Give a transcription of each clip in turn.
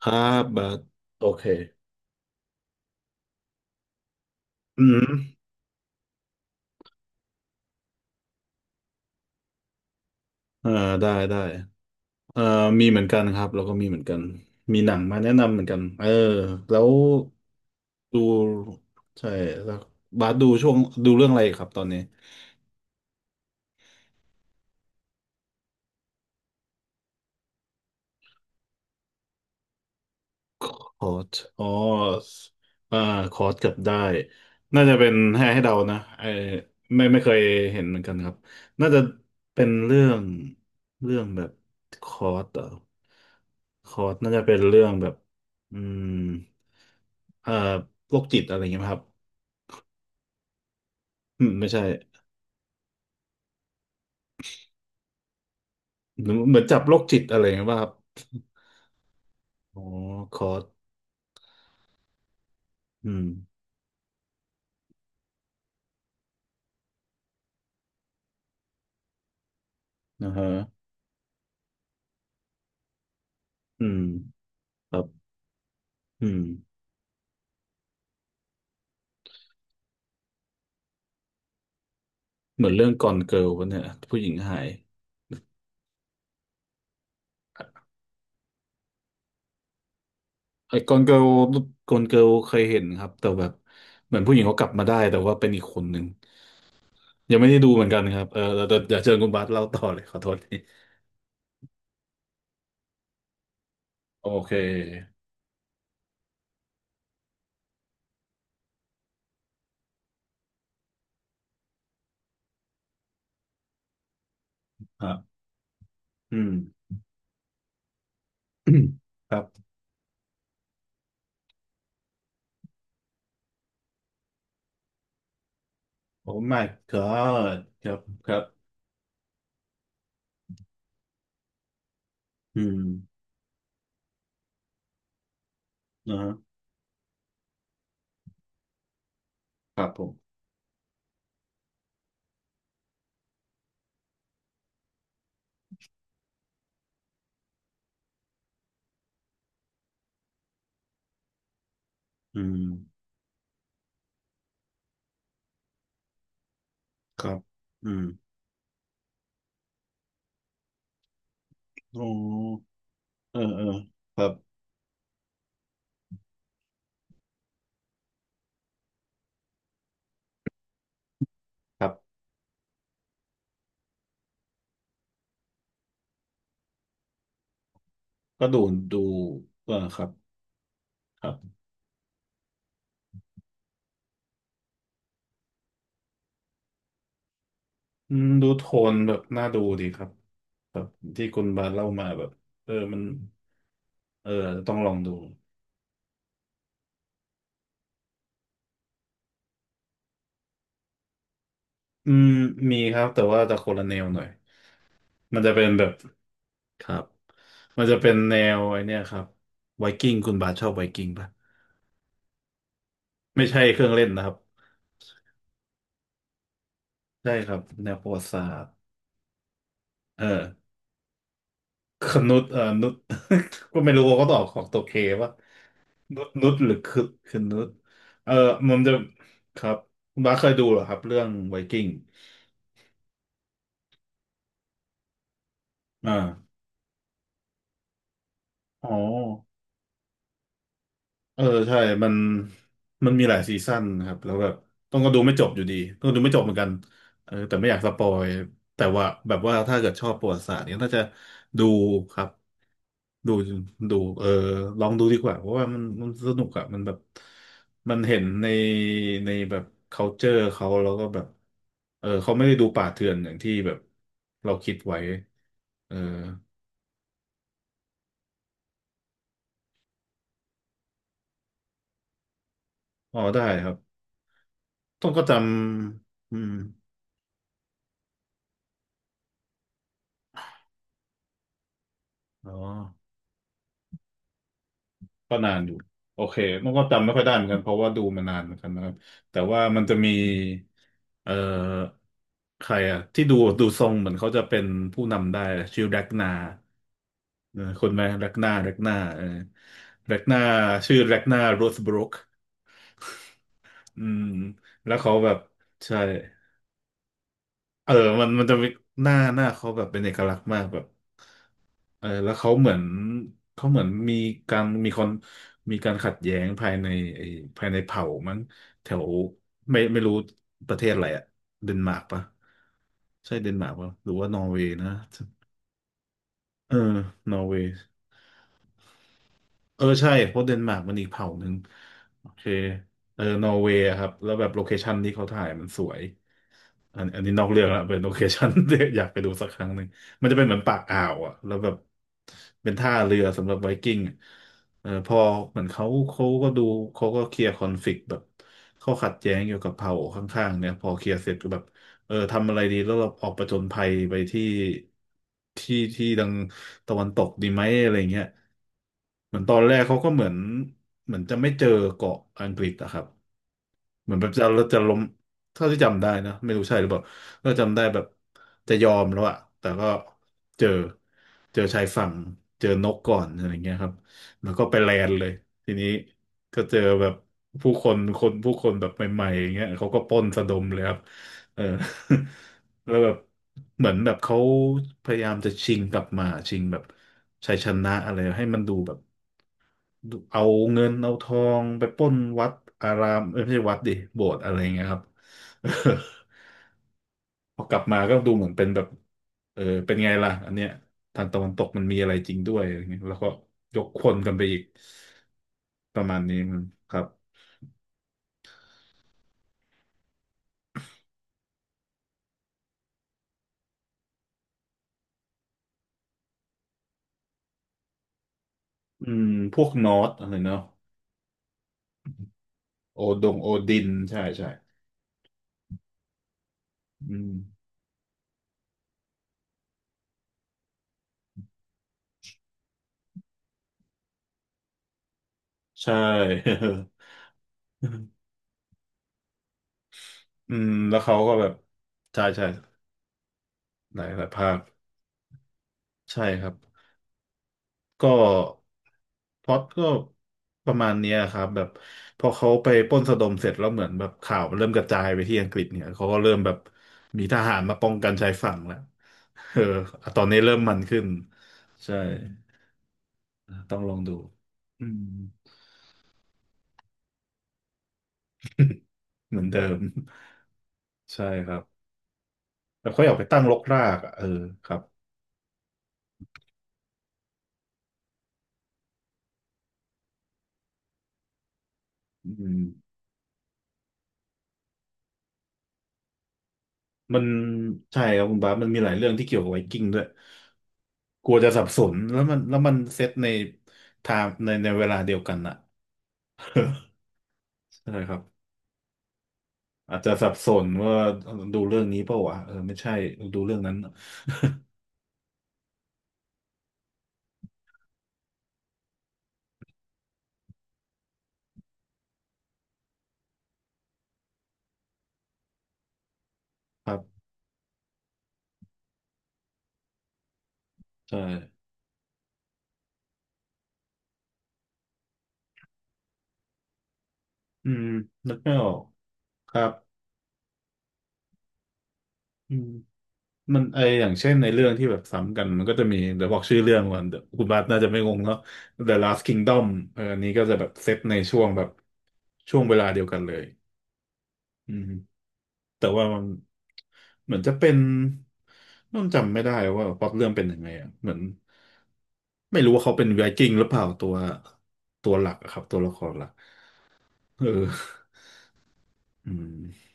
ครับบาทโอเคอืมเอ่าได้ได้เอ่อมีเหมือนกันครับแล้วก็มีเหมือนกันมีหนังมาแนะนำเหมือนกันเออแล้วดูใช่แล้วบาสดูช่วงดูเรื่องอะไรครับตอนนี้คอร์สอ๋ออ่าคอร์สเกับได้น่าจะเป็นให้เดานะไอไม่เคยเห็นเหมือนกันครับน่าจะเป็นเรื่องเรื่องแบบคอร์สเหรอคอร์สน่าจะเป็นเรื่องแบบอืม เอ่อโรคจิตอะไรเงี้ยไครับอืมไม่ใช่เหมือนเหมือนจับโรคจิตอะไรเงี้ยป่ะครับอ๋อคอร์สอืมนะฮะอืมครับอืมเหมือนเรื่องกอนเกิลวะเนี่ยผู้หญิงหายไอ้กอนเกิลกอนเกิลเคยเห็นครับแต่แบบเหมือนผู้หญิงเขากลับมาได้แต่ว่าเป็นอีกคนหนึ่งยังไม่ได้ดูเหมือนกันครับเออเดี๋ยวเชิญคุณบาสเล่าต่อเลยขอโทษทีโอเคครับอืม ครับโอ้ my god ครับครับอืมนะฮะครับผม อืมครับอืมอ๋อเออเออครับครับก็ดูดูเออครับครับอืมดูโทนแบบน่าดูดีครับครับที่คุณบาสเล่ามาแบบเออมันเอออาจจะต้องลองดูอืมมีครับแต่ว่าจะคนละแนวหน่อยมันจะเป็นแบบครับมันจะเป็นแนวไอเนี้ยครับไวกิ้งคุณบาสชอบไวกิ้งปะไม่ใช่เครื่องเล่นนะครับใช่ครับแนวประวัติศาสตร์เออ คือนุชนุช ก็ไม่รู้ว่าเขาตอบของตัวเคว่านุชนุชหรือคือคือนุชเออมันจะครับคุณบ้าสเคยดูเหรอครับเรื่องไวกิ้งอ่าอ๋อเออใช่มันมันมีหลายซีซั่นนะครับแล้วแบบต้องก็ดูไม่จบอยู่ดีต้องดูไม่จบเหมือนกันเออแต่ไม่อยากสปอยแต่ว่าแบบว่าถ้าเกิดชอบประวัติศาสตร์เนี่ยน่าจะดูครับ ดูดูเออลองดูดีกว่าเพราะว่ามันสนุกอะมันแบบมันเห็นในแบบ culture เขาแล้วก็แบบเออเขาไม่ได้ดูป่าเถื่อนอย่างที่แบบเราคิดไว้เอออ๋อได้ครับต้องก็จำอืมอ๋อก็นานอยู่โอเคต้องก็จำไม่ค่อยได้เหมือนกันเพราะว่าดูมานานเหมือนกันนะครับแต่ว่ามันจะมีเอ่อใครอะที่ดูดูทรงเหมือนเขาจะเป็นผู้นำได้ชื่อแร็กนา เออคุณไหมแร็กหน้าแร็กหนาเออแร็กหนาชื่อแร็กหนาโรสบรุกอืมแล้วเขาแบบใช่เออมันมันจะมีหน้าหน้าเขาแบบเป็นเอกลักษณ์มากแบบเออแล้วเขาเหมือนเขาเหมือนมีการมีคนมีการขัดแย้งภายในไอ้ภายในเผ่ามั้งแถวไม่ไม่รู้ประเทศอะไรอะเดนมาร์กปะใช่เดนมาร์กปะหรือว่านอร์เวย์นะเออนอร์เวย์ เออใช่เพราะเดนมาร์กมันอีกเผ่าหนึ่งโอเคเออนอร์เวย์อะครับแล้วแบบโลเคชันที่เขาถ่ายมันสวยอันอันนี้นอกเรื่องละเป็นโลเคชัน ที่อยากไปดูสักครั้งหนึ่งมันจะเป็นเหมือนปากอ่าวอ่ะแล้วแบบเป็นท่าเรือสำหรับไวกิ้งอะเออพอเหมือนเขาเขาก็ดูเขาก็เคลียร์คอนฟลิกต์แบบเขาขัดแย้งเกี่ยวกับเผ่าข้างๆเนี่ยพอเคลียร์เสร็จก็แบบ เออทำอะไรดีแล้วเราออกประจนภัยไปที่ที่ดังตะวันตกดีไหมอะไรเงี้ยเหมือนตอนแรกเขาก็เหมือนเหมือนจะไม่เจอเกาะอังกฤษอะครับ เหมือนแบบจะจะล้มเท่าที่จำได้นะไม่รู้ใช่หรือเปล่าก็จำได้แบบจะยอมแล้วอะแต่ก็เจอเจอชายฝั่งเจอนกก่อนอะไรเงี้ยครับแล้วก็ไปแลนด์เลยทีนี้ก็เจอแบบผู้คนคนผู้คนแบบใหม่ๆอย่างเงี้ยเขาก็ปล้นสะดมเลยครับเออ แล้วแบบเหมือนแบบเขาพยายามจะชิงกลับมาชิงแบบชัยชนะอะไรให้มันดูแบบ เอาเงินเอาทองไปปล้นวัดอารามเอ้ยไม่ใช่วัดดิโบสถ์อะไรเงี้ยครับ พอกลับมาก็ดูเหมือนเป็นแบบเออเป็นไงล่ะอันเนี้ยทางตะวันตกมันมีอะไรจริงด้วยอะไรเงี้ยแล้วก็ยกคนกันไปอีกประมาณนี้มันครับอืมพวกนอร์สอะไรเนาะโอดงโอดินใช่ใช่อืมใช่ อืมแล้วเขาก็แบบใช่ใช่หลายหลายภาคใช่ครับ ก็พล็อตก็ประมาณเนี้ยครับแบบพอเขาไปปล้นสะดมเสร็จแล้วเหมือนแบบข่าวมันเริ่มกระจายไปที่อังกฤษเนี่ยเขาก็เริ่มแบบมีทหารมาป้องกันชายฝั่งแล้ว เออตอนนี้เริ่มมันขึ้นใช่ต้องลองดูอืม เหมือนเดิมใช่ครับแต่เขาอยากไปตั้งรกรากอ่ะเออครับอืม มันใช่ครับคุณบาสมันมีหลายเรื่องที่เกี่ยวกับไวกิ้งด้วยกลัวจะสับสนแล้วมันเซตในไทม์ในเวลาเดียวกันอะ ใช่ครับอาจจะสับสนว่าดูเรื่องนี้เปล่าวะเออไม่ใช่ดูเรื่องนั้นครับใช่อืมนึกไม่ออกครับอืมมันไออย่างเช่นในเรื่องที่แบบซ้ำกันมันก็จะมีเดี๋ยวบอกชื่อเรื่องก่อนเดี๋ยวคุณบาสน่าจะไม่งงเนาะ The Last Kingdom เอออันนี้ก็จะแบบเซตในช่วงแบบช่วงเวลาเดียวกันเลยอืม แต่ว่ามันเหมือนจะเป็นต้องจำไม่ได้ว่าพล็อตเรื่องเป็นยังไงอ่ะเหมือนไม่รู้ว่าเขาเป็นไวกิ้งหรือเปล่าตัวตัวหลักอะครับตัวละครหลักเอออืม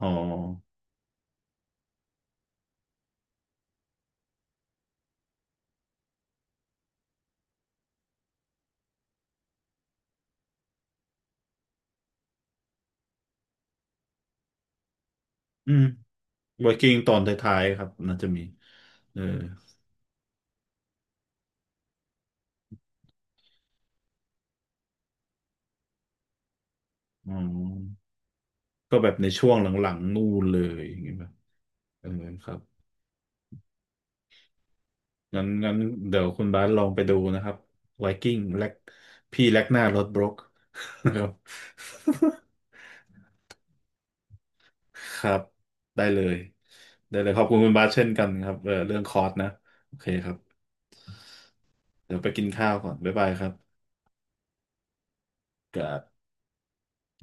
อ๋ออืมไวกิ้งตอนท้ายๆครับน่าจะมีเอออ๋อก็แบบในช่วงหลังๆนู่นเลยอย่างเงี้ยแบบเออครับงั้นงั้นเดี๋ยวคุณบาสลองไปดูนะครับไวกิ้งแลกพี่แลกหน้ารถบรก นะครับ ครับได้เลยได้เลยขอบคุณคุณบาสเช่นกันครับเออเรื่องคอร์สนะโอเคครับเดี๋ยวไปกินข้าวก่อนบ๊ายบายครับครับ